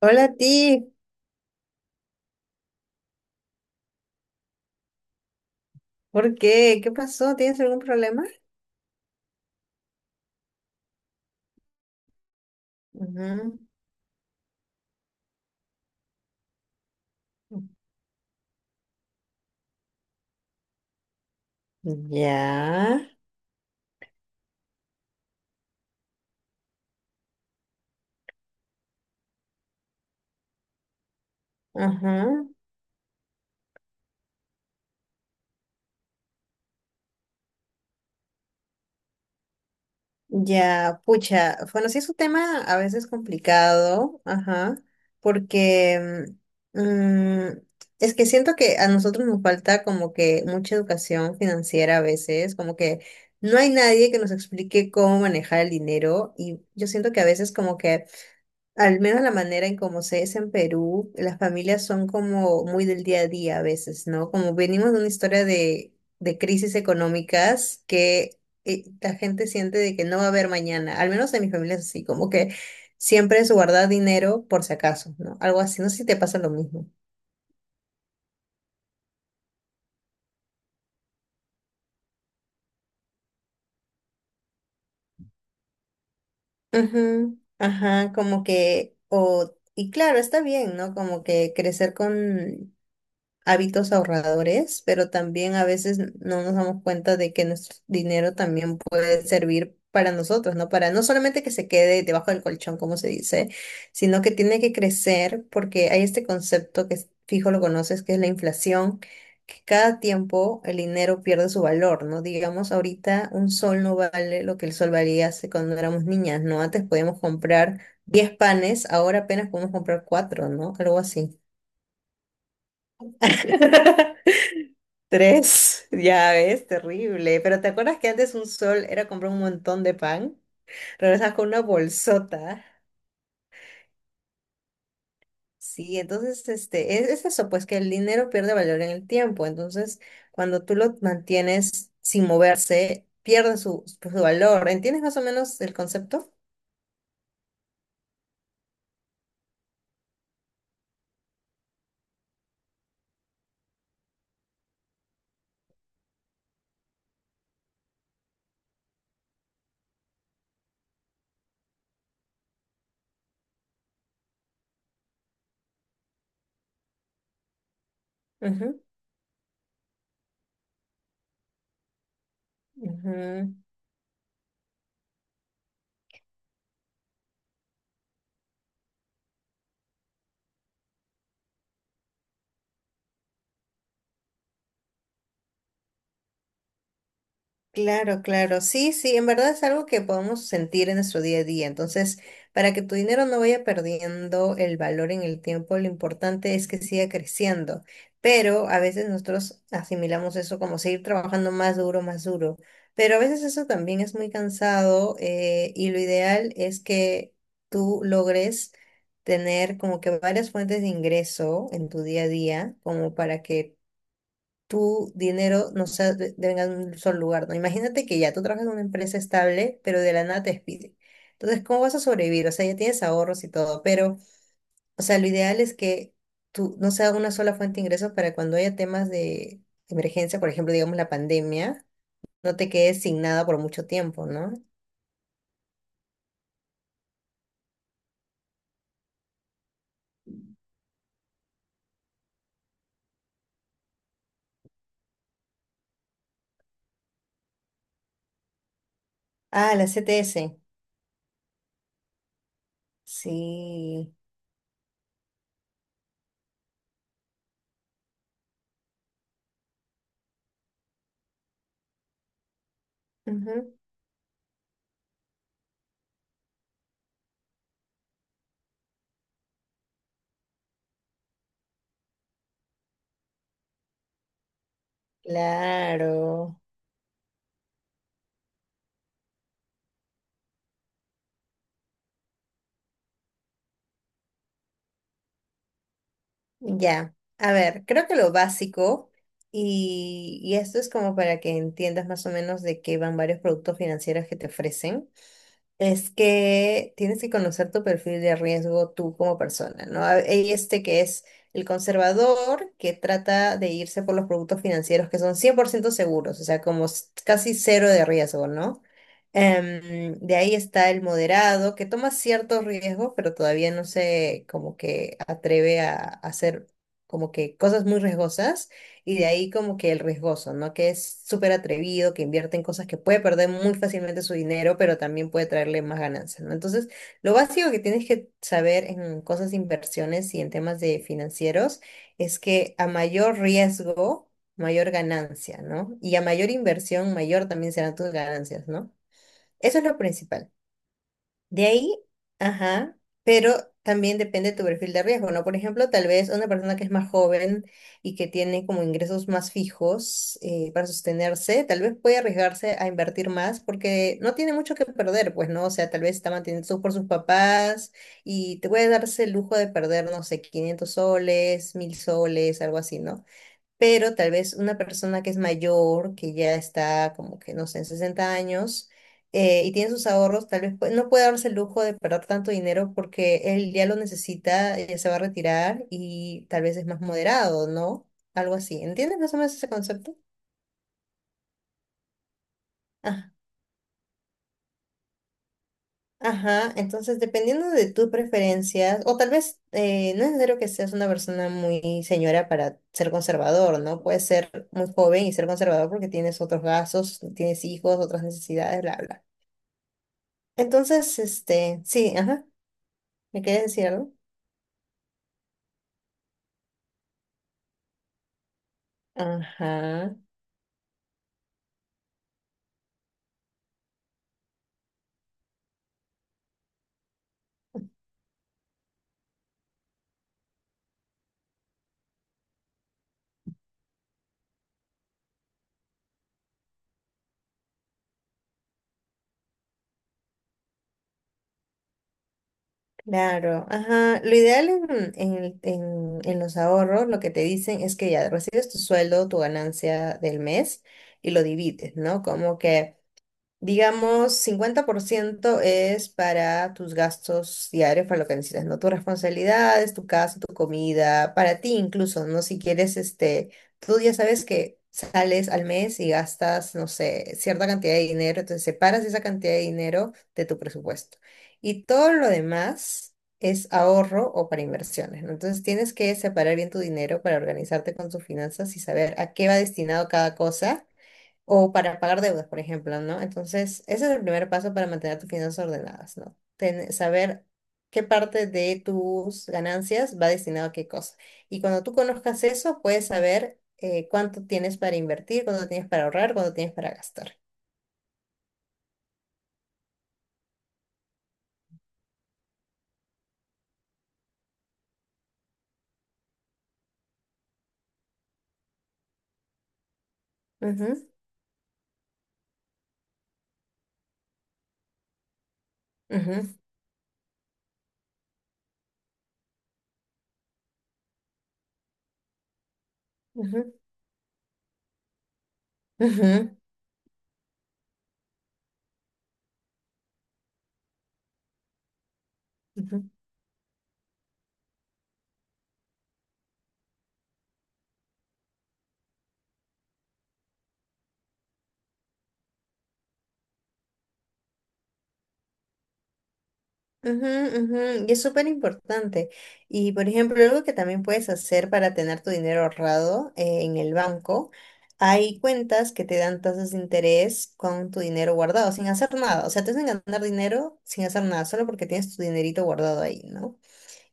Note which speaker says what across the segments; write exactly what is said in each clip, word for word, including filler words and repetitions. Speaker 1: Hola, ti. ¿Por qué? ¿Qué pasó? ¿Tienes algún problema? Ujú. Ya. Ajá. Ya, pucha. Bueno, sí es un tema a veces complicado, ajá, porque mm, mm, es que siento que a nosotros nos falta como que mucha educación financiera a veces, como que no hay nadie que nos explique cómo manejar el dinero y yo siento que a veces como que al menos la manera en cómo se es en Perú, las familias son como muy del día a día a veces, ¿no? Como venimos de una historia de, de crisis económicas que eh, la gente siente de que no va a haber mañana, al menos en mi familia es así, como que siempre es guardar dinero por si acaso, ¿no? Algo así, no sé si te pasa lo mismo. Ujú. Ajá, como que, o, y claro, está bien, ¿no? Como que crecer con hábitos ahorradores, pero también a veces no nos damos cuenta de que nuestro dinero también puede servir para nosotros, ¿no? Para no solamente que se quede debajo del colchón, como se dice, sino que tiene que crecer porque hay este concepto que es- fijo lo conoces, que es la inflación, que cada tiempo el dinero pierde su valor, ¿no? Digamos, ahorita un sol no vale lo que el sol valía hace cuando éramos niñas, ¿no? Antes podíamos comprar diez panes, ahora apenas podemos comprar cuatro, ¿no? Algo así. Tres, ya ves, terrible. Pero ¿te acuerdas que antes un sol era comprar un montón de pan? Regresas con una bolsota. Sí, entonces este, es, es eso, pues que el dinero pierde valor en el tiempo. Entonces, cuando tú lo mantienes sin moverse, pierde su, su valor. ¿Entiendes más o menos el concepto? Ujú, ujú. Claro, claro, sí, sí, en verdad es algo que podemos sentir en nuestro día a día. Entonces, para que tu dinero no vaya perdiendo el valor en el tiempo, lo importante es que siga creciendo. Pero a veces nosotros asimilamos eso como seguir trabajando más duro, más duro. Pero a veces eso también es muy cansado eh, y lo ideal es que tú logres tener como que varias fuentes de ingreso en tu día a día, como para que tu dinero no sea de, de- venga de un solo lugar, ¿no? Imagínate que ya tú trabajas en una empresa estable, pero de la nada te despiden. Entonces, ¿cómo vas a sobrevivir? O sea, ya tienes ahorros y todo, pero, o sea, lo ideal es que tú no sea una sola fuente de ingresos para cuando haya temas de emergencia, por ejemplo, digamos la pandemia, no te quedes sin nada por mucho tiempo, ¿no? Ah, la C T S. Sí. Ujú. Claro. Ya, a ver, creo que lo básico, y, y esto es como para que entiendas más o menos de qué van varios productos financieros que te ofrecen, es que tienes que conocer tu perfil de riesgo tú como persona, ¿no? A- Hay este que es el conservador, que trata de irse por los productos financieros que son cien por ciento seguros, o sea, como s- casi cero de riesgo, ¿no? Em, de ahí está el moderado, que toma ciertos riesgos, pero todavía no se como que atreve a, a hacer como que cosas muy riesgosas. Y de ahí como que el riesgoso, ¿no? Que es súper atrevido, que invierte en cosas que puede perder muy fácilmente su dinero, pero también puede traerle más ganancias, ¿no? Entonces, lo básico que tienes que saber en cosas de inversiones y en temas de financieros es que a mayor riesgo, mayor ganancia, ¿no? Y a mayor inversión, mayor también serán tus ganancias, ¿no? Eso es lo principal. De ahí, ajá, pero también depende de tu perfil de riesgo, ¿no? Por ejemplo, tal vez una persona que es más joven y que tiene como ingresos más fijos eh, para sostenerse, tal vez puede arriesgarse a invertir más porque no tiene mucho que perder, pues, ¿no? O sea, tal vez está mantenido por sus papás y te puede darse el lujo de perder, no sé, quinientos soles, mil soles, algo así, ¿no? Pero tal vez una persona que es mayor, que ya está como que, no sé, en sesenta años eh, y tiene sus ahorros, tal vez pu- no puede darse el lujo de perder tanto dinero porque él ya lo necesita, ya se va a retirar y tal vez es más moderado, ¿no? Algo así. ¿Entiendes más o menos ese concepto? Ajá, entonces dependiendo de tus preferencias, o tal vez eh, no es necesario que seas una persona muy señora para ser conservador, ¿no? Puedes ser muy joven y ser conservador porque tienes otros gastos, tienes hijos, otras necesidades, bla, bla. Entonces, este, sí, ajá, ¿me quieres decir algo? Ajá, claro, ajá. Lo ideal en, en, en, en los ahorros, lo que te dicen es que ya recibes tu sueldo, tu ganancia del mes y lo divides, ¿no? Como que… Digamos, cincuenta por ciento es para tus gastos diarios, para lo que necesitas, ¿no? Tus responsabilidades, tu casa, tu comida, para ti incluso, ¿no? Si quieres, este, tú ya sabes que sales al mes y gastas, no sé, cierta cantidad de dinero, entonces separas esa cantidad de dinero de tu presupuesto. Y todo lo demás es ahorro o para inversiones, ¿no? Entonces tienes que separar bien tu dinero para organizarte con tus finanzas y saber a qué va destinado cada cosa o para pagar deudas, por ejemplo, ¿no? Entonces, ese es el primer paso para mantener tus finanzas ordenadas, ¿no? Ten- saber qué parte de tus ganancias va destinado a qué cosa. Y cuando tú conozcas eso, puedes saber eh, cuánto tienes para invertir, cuánto tienes para ahorrar, cuánto tienes para gastar. Ujú, ujú, ujú, ujú, ujú. Ujú, ujú. Y es súper importante. Y por ejemplo, algo que también puedes hacer para tener tu dinero ahorrado eh, en el banco, hay cuentas que te dan tasas de interés con tu dinero guardado, sin hacer nada. O sea, te hacen ganar dinero sin hacer nada, solo porque tienes tu dinerito guardado ahí, ¿no?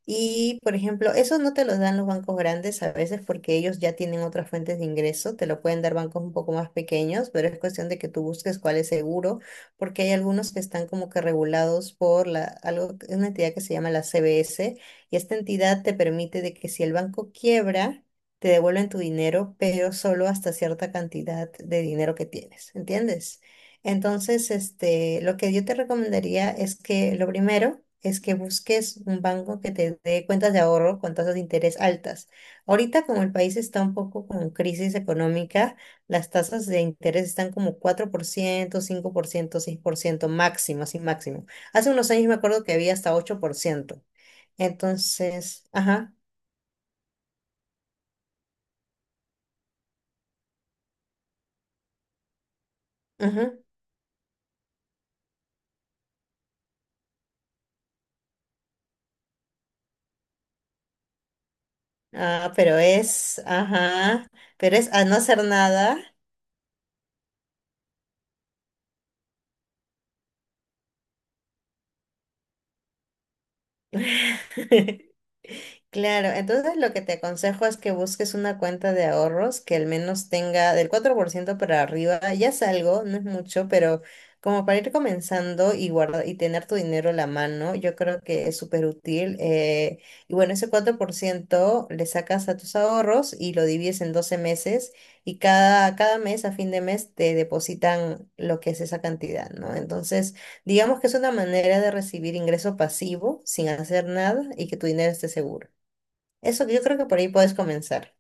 Speaker 1: Y, por ejemplo, eso no te lo dan los bancos grandes a veces porque ellos ya tienen otras fuentes de ingreso, te lo pueden dar bancos un poco más pequeños, pero es cuestión de que tú busques cuál es seguro, porque hay algunos que están como que regulados por la, algo, es una entidad que se llama la C B S, y esta entidad te permite de que si el banco quiebra, te devuelven tu dinero, pero solo hasta cierta cantidad de dinero que tienes, ¿entiendes? Entonces, este, lo que yo te recomendaría es que lo primero es que busques un banco que te dé cuentas de ahorro con tasas de interés altas. Ahorita, como el país está un poco con crisis económica, las tasas de interés están como cuatro por por ciento, ciento, cinco por ciento, seis por ciento máximo, así máximo. Hace unos años me acuerdo que había hasta ocho por ciento. Entonces, ajá, ajá, ah, pero es, ajá, pero es a no hacer nada. Claro, entonces lo que te aconsejo es que busques una cuenta de ahorros que al menos tenga del cuatro por ciento para arriba, ya es algo, no es mucho, pero como para ir comenzando y guardar y tener tu dinero a la mano, yo creo que es súper útil. Eh, y bueno, ese cuatro por ciento le sacas a tus ahorros y lo divides en doce meses y cada, cada mes, a fin de mes, te depositan lo que es esa cantidad, ¿no? Entonces… Digamos que es una manera de recibir ingreso pasivo sin hacer nada y que tu dinero esté seguro. Eso que yo creo que por ahí puedes comenzar.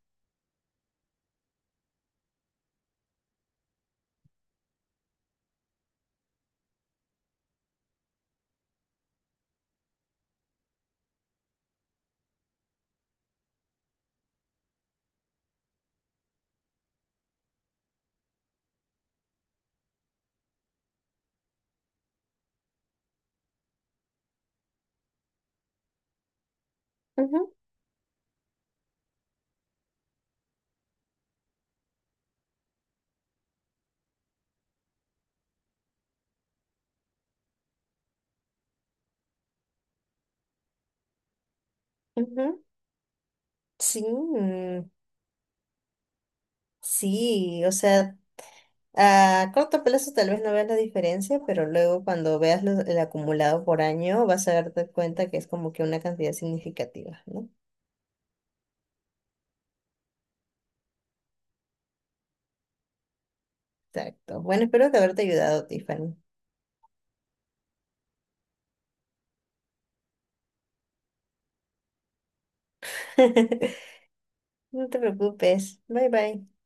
Speaker 1: Ujú, ujú. Sí, mm, sí, o sea, a corto plazo tal vez no veas la diferencia, pero luego cuando veas lo- el acumulado por año vas a darte cuenta que es como que una cantidad significativa, ¿no? Exacto. Bueno, espero que haberte ayudado, Tiffany. No te preocupes. Bye bye.